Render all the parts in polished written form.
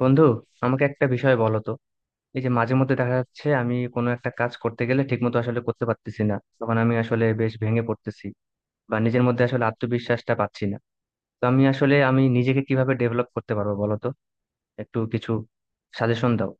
বন্ধু, আমাকে একটা বিষয় বলো তো। এই যে মাঝে মধ্যে দেখা যাচ্ছে আমি কোনো একটা কাজ করতে গেলে ঠিকমতো আসলে করতে পারতেছি না, তখন আমি আসলে বেশ ভেঙে পড়তেছি বা নিজের মধ্যে আসলে আত্মবিশ্বাসটা পাচ্ছি না। তো আমি আসলে নিজেকে কিভাবে ডেভেলপ করতে পারবো বলো তো, একটু কিছু সাজেশন দাও।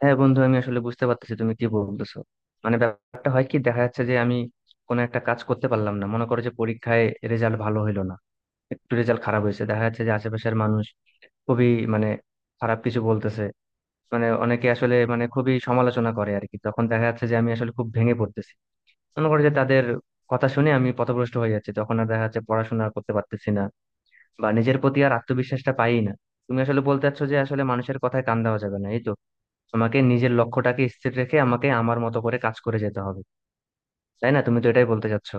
হ্যাঁ বন্ধু, আমি আসলে বুঝতে পারতেছি তুমি কি বলতেছো। মানে ব্যাপারটা হয় কি, দেখা যাচ্ছে যে আমি কোনো একটা কাজ করতে পারলাম না, মনে করো যে পরীক্ষায় রেজাল্ট ভালো হইলো না, একটু রেজাল্ট খারাপ হয়েছে। দেখা যাচ্ছে যে আশেপাশের মানুষ খুবই, মানে, খারাপ কিছু বলতেছে। মানে অনেকে আসলে মানে খুবই সমালোচনা করে আর কি। তখন দেখা যাচ্ছে যে আমি আসলে খুব ভেঙে পড়তেছি, মনে করে যে তাদের কথা শুনে আমি পথভ্রষ্ট হয়ে যাচ্ছি। তখন আর দেখা যাচ্ছে পড়াশোনা আর করতে পারতেছি না, বা নিজের প্রতি আর আত্মবিশ্বাসটা পাই না। তুমি আসলে বলতে চাচ্ছ যে আসলে মানুষের কথায় কান দেওয়া যাবে না, এই তো? আমাকে নিজের লক্ষ্যটাকে স্থির রেখে আমাকে আমার মতো করে কাজ করে যেতে হবে, তাই না? তুমি তো এটাই বলতে চাচ্ছ।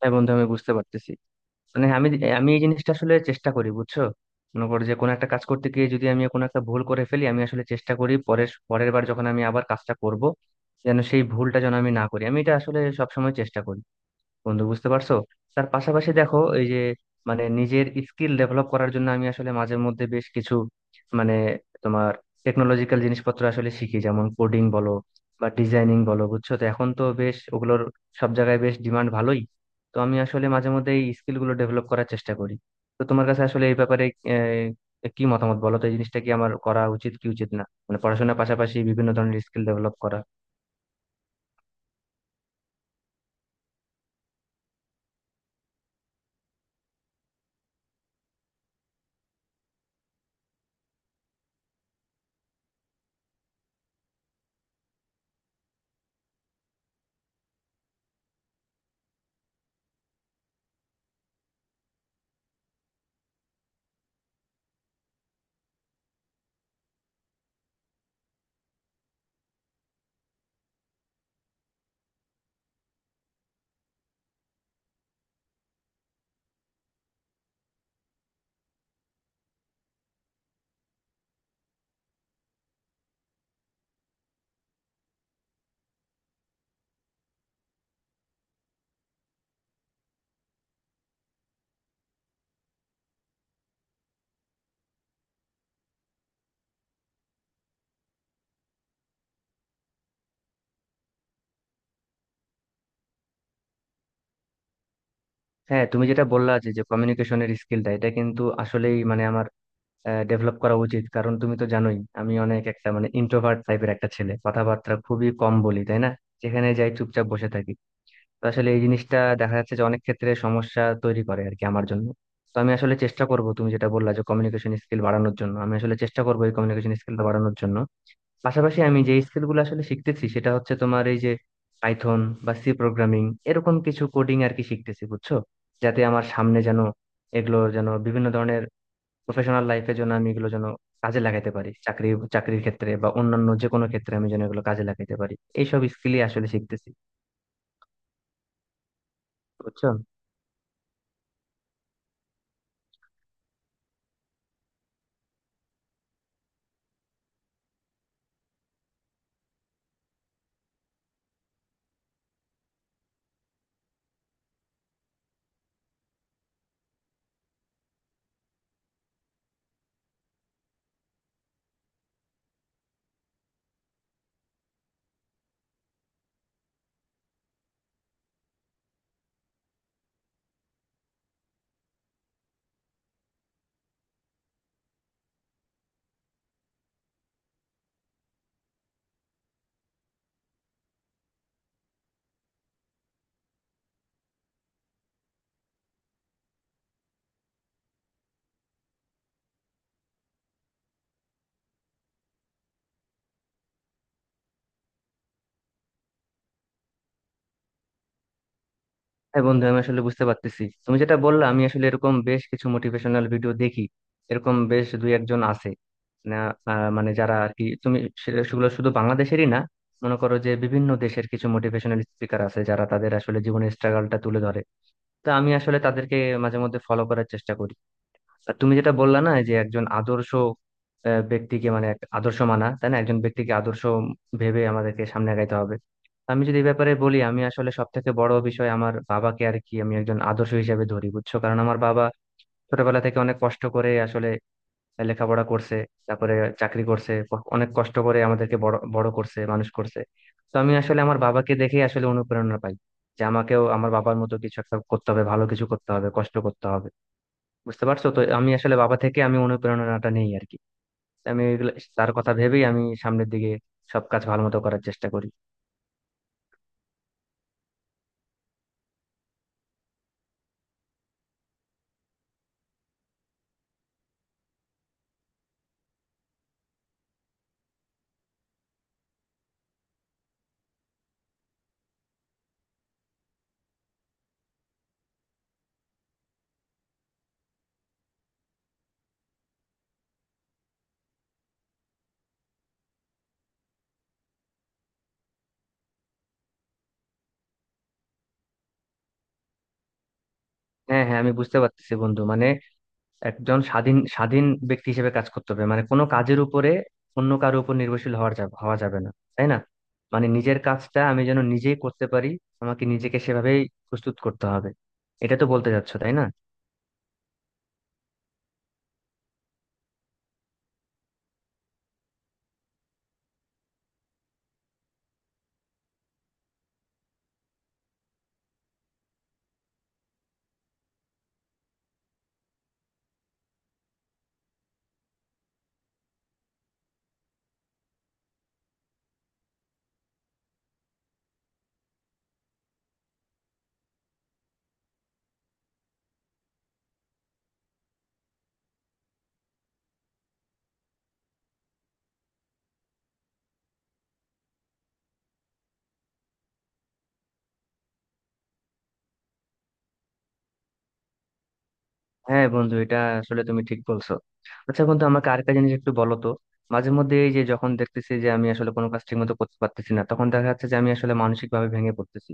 হ্যাঁ বন্ধু, আমি বুঝতে পারতেছি। মানে আমি আমি এই জিনিসটা আসলে চেষ্টা করি বুঝছো। মনে করো যে কোনো একটা কাজ করতে গিয়ে যদি আমি কোনো একটা ভুল করে ফেলি, আমি আসলে চেষ্টা করি পরের পরের বার যখন আমি আবার কাজটা করব যেন সেই ভুলটা যেন আমি না করি। আমি এটা আসলে সবসময় চেষ্টা করি বন্ধু, বুঝতে পারছো। তার পাশাপাশি দেখো, এই যে মানে নিজের স্কিল ডেভেলপ করার জন্য আমি আসলে মাঝে মধ্যে বেশ কিছু মানে তোমার টেকনোলজিক্যাল জিনিসপত্র আসলে শিখি। যেমন কোডিং বলো বা ডিজাইনিং বলো, বুঝছো তো, এখন তো বেশ ওগুলোর সব জায়গায় বেশ ডিমান্ড ভালোই। তো আমি আসলে মাঝে মধ্যে এই স্কিল গুলো ডেভেলপ করার চেষ্টা করি। তো তোমার কাছে আসলে এই ব্যাপারে কি মতামত বলো তো? এই জিনিসটা কি আমার করা উচিত কি উচিত না, মানে পড়াশোনার পাশাপাশি বিভিন্ন ধরনের স্কিল ডেভেলপ করা। হ্যাঁ, তুমি যেটা বললা যে যে কমিউনিকেশনের স্কিলটা, এটা কিন্তু আসলেই মানে আমার ডেভেলপ করা উচিত। কারণ তুমি তো জানোই আমি অনেক একটা মানে ইন্ট্রোভার্ট টাইপের একটা ছেলে, কথাবার্তা খুবই কম বলি তাই না। যেখানে যাই চুপচাপ বসে থাকি। তো আসলে এই জিনিসটা দেখা যাচ্ছে যে অনেক ক্ষেত্রে সমস্যা তৈরি করে আর কি আমার জন্য। তো আমি আসলে চেষ্টা করব, তুমি যেটা বললা যে কমিউনিকেশন স্কিল বাড়ানোর জন্য, আমি আসলে চেষ্টা করবো এই কমিউনিকেশন স্কিলটা বাড়ানোর জন্য। পাশাপাশি আমি যে স্কিল গুলো আসলে শিখতেছি সেটা হচ্ছে তোমার এই যে পাইথন বা সি প্রোগ্রামিং, এরকম কিছু কোডিং আর কি শিখতেছি বুঝছো। যাতে আমার সামনে যেন এগুলো যেন বিভিন্ন ধরনের প্রফেশনাল লাইফের জন্য আমি এগুলো যেন কাজে লাগাইতে পারি, চাকরির ক্ষেত্রে বা অন্যান্য যে কোনো ক্ষেত্রে আমি যেন এগুলো কাজে লাগাইতে পারি। এইসব স্কিলই আসলে শিখতেছি বুঝছো। হ্যাঁ বন্ধু, আমি আসলে বুঝতে পারতেছি তুমি যেটা বললা। আমি আসলে এরকম বেশ কিছু মোটিভেশনাল ভিডিও দেখি, এরকম বেশ দুই একজন আছে, না, মানে যারা আর কি তুমি, সেগুলো শুধু বাংলাদেশেরই না। মনে করো যে বিভিন্ন দেশের কিছু মোটিভেশনাল স্পিকার আছে যারা তাদের আসলে জীবনের স্ট্রাগলটা তুলে ধরে। তো আমি আসলে তাদেরকে মাঝে মধ্যে ফলো করার চেষ্টা করি। আর তুমি যেটা বললা না যে একজন আদর্শ ব্যক্তিকে, মানে এক আদর্শ মানা তাই না, একজন ব্যক্তিকে আদর্শ ভেবে আমাদেরকে সামনে আগাইতে হবে। আমি যদি এই ব্যাপারে বলি, আমি আসলে সব থেকে বড় বিষয়, আমার বাবাকে আর কি আমি একজন আদর্শ হিসেবে ধরি, বুঝছো। কারণ আমার বাবা ছোটবেলা থেকে অনেক কষ্ট করে আসলে লেখাপড়া করছে, তারপরে চাকরি করছে, অনেক কষ্ট করে আমাদেরকে বড় বড় করছে, মানুষ করছে। তো আমি আসলে আমার বাবাকে দেখেই আসলে অনুপ্রেরণা পাই যে আমাকেও আমার বাবার মতো কিছু একটা করতে হবে, ভালো কিছু করতে হবে, কষ্ট করতে হবে, বুঝতে পারছো। তো আমি আসলে বাবা থেকে আমি অনুপ্রেরণাটা নেই আর কি। আমি এগুলো, তার কথা ভেবেই আমি সামনের দিকে সব কাজ ভালো মতো করার চেষ্টা করি। হ্যাঁ হ্যাঁ, আমি বুঝতে পারতেছি বন্ধু। মানে একজন স্বাধীন স্বাধীন ব্যক্তি হিসেবে কাজ করতে হবে। মানে কোনো কাজের উপরে অন্য কারো উপর নির্ভরশীল হওয়া যাবে না, তাই না। মানে নিজের কাজটা আমি যেন নিজেই করতে পারি, আমাকে নিজেকে সেভাবেই প্রস্তুত করতে হবে। এটা তো বলতে চাচ্ছো তাই না? হ্যাঁ বন্ধু, এটা আসলে তুমি ঠিক বলছো। আচ্ছা বন্ধু, আমাকে আরেকটা জিনিস একটু বলো তো। মাঝে মধ্যে এই যে যখন দেখতেছি যে আমি আসলে কোনো কাজ ঠিক মতো করতে পারতেছি না, তখন দেখা যাচ্ছে যে আমি আসলে মানসিক ভাবে ভেঙে পড়তেছি।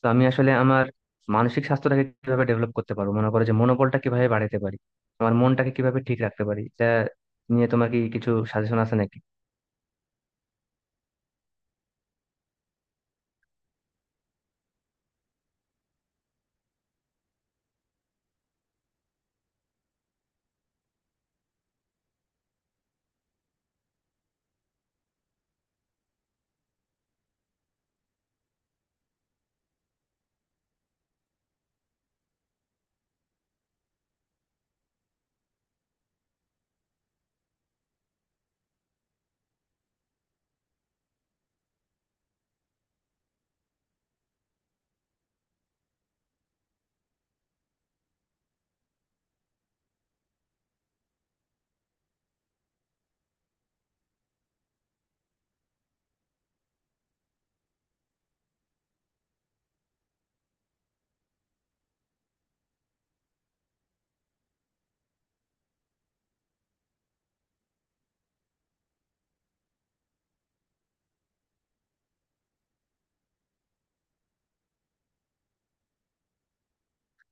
তো আমি আসলে আমার মানসিক স্বাস্থ্যটাকে কিভাবে ডেভেলপ করতে পারবো, মনে করো যে মনোবলটা কিভাবে বাড়াতে পারি, আমার মনটাকে কিভাবে ঠিক রাখতে পারি, এটা নিয়ে তোমার কি কিছু সাজেশন আছে নাকি?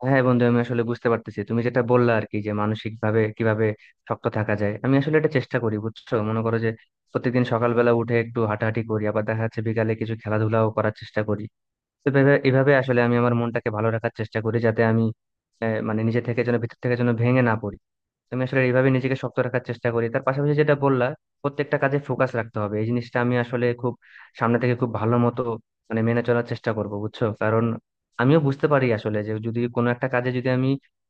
হ্যাঁ বন্ধু, আমি আসলে বুঝতে পারতেছি তুমি যেটা বললা আর কি, যে মানসিক ভাবে কিভাবে শক্ত থাকা যায়। আমি আসলে এটা চেষ্টা করি বুঝছো। মনে করো যে প্রত্যেকদিন সকালবেলা উঠে একটু হাঁটাহাঁটি করি, আবার দেখা যাচ্ছে বিকালে কিছু খেলাধুলাও করার চেষ্টা করি। তো এভাবে এভাবে আসলে আমি আমার মনটাকে ভালো রাখার চেষ্টা করি, যাতে আমি মানে নিজে থেকে যেন ভিতর থেকে যেন ভেঙে না পড়ি। তো আমি আসলে এইভাবে নিজেকে শক্ত রাখার চেষ্টা করি। তার পাশাপাশি যেটা বললা, প্রত্যেকটা কাজে ফোকাস রাখতে হবে, এই জিনিসটা আমি আসলে খুব সামনে থেকে খুব ভালো মতো মানে মেনে চলার চেষ্টা করব বুঝছো। কারণ আমিও বুঝতে পারি আসলে যে যদি কোনো একটা কাজে যদি আমি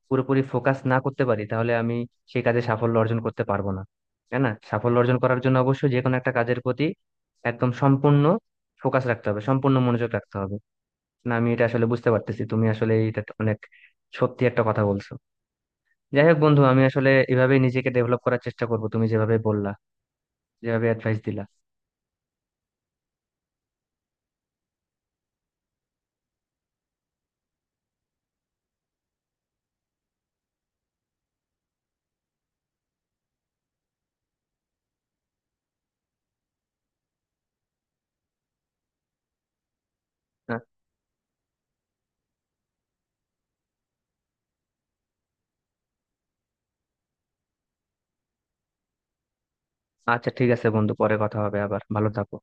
পুরোপুরি ফোকাস না করতে পারি তাহলে আমি সেই কাজে সাফল্য অর্জন করতে পারবো না, তাই না? সাফল্য অর্জন করার জন্য অবশ্যই যে কোনো একটা কাজের প্রতি একদম সম্পূর্ণ ফোকাস রাখতে হবে, সম্পূর্ণ মনোযোগ রাখতে হবে। না, আমি এটা আসলে বুঝতে পারতেছি, তুমি আসলে এটা অনেক সত্যি একটা কথা বলছো। যাই হোক বন্ধু, আমি আসলে এভাবেই নিজেকে ডেভেলপ করার চেষ্টা করব তুমি যেভাবে বললা, যেভাবে অ্যাডভাইস দিলা। হ্যাঁ আচ্ছা, ঠিক আছে বন্ধু, পরে কথা হবে আবার। ভালো থাকো।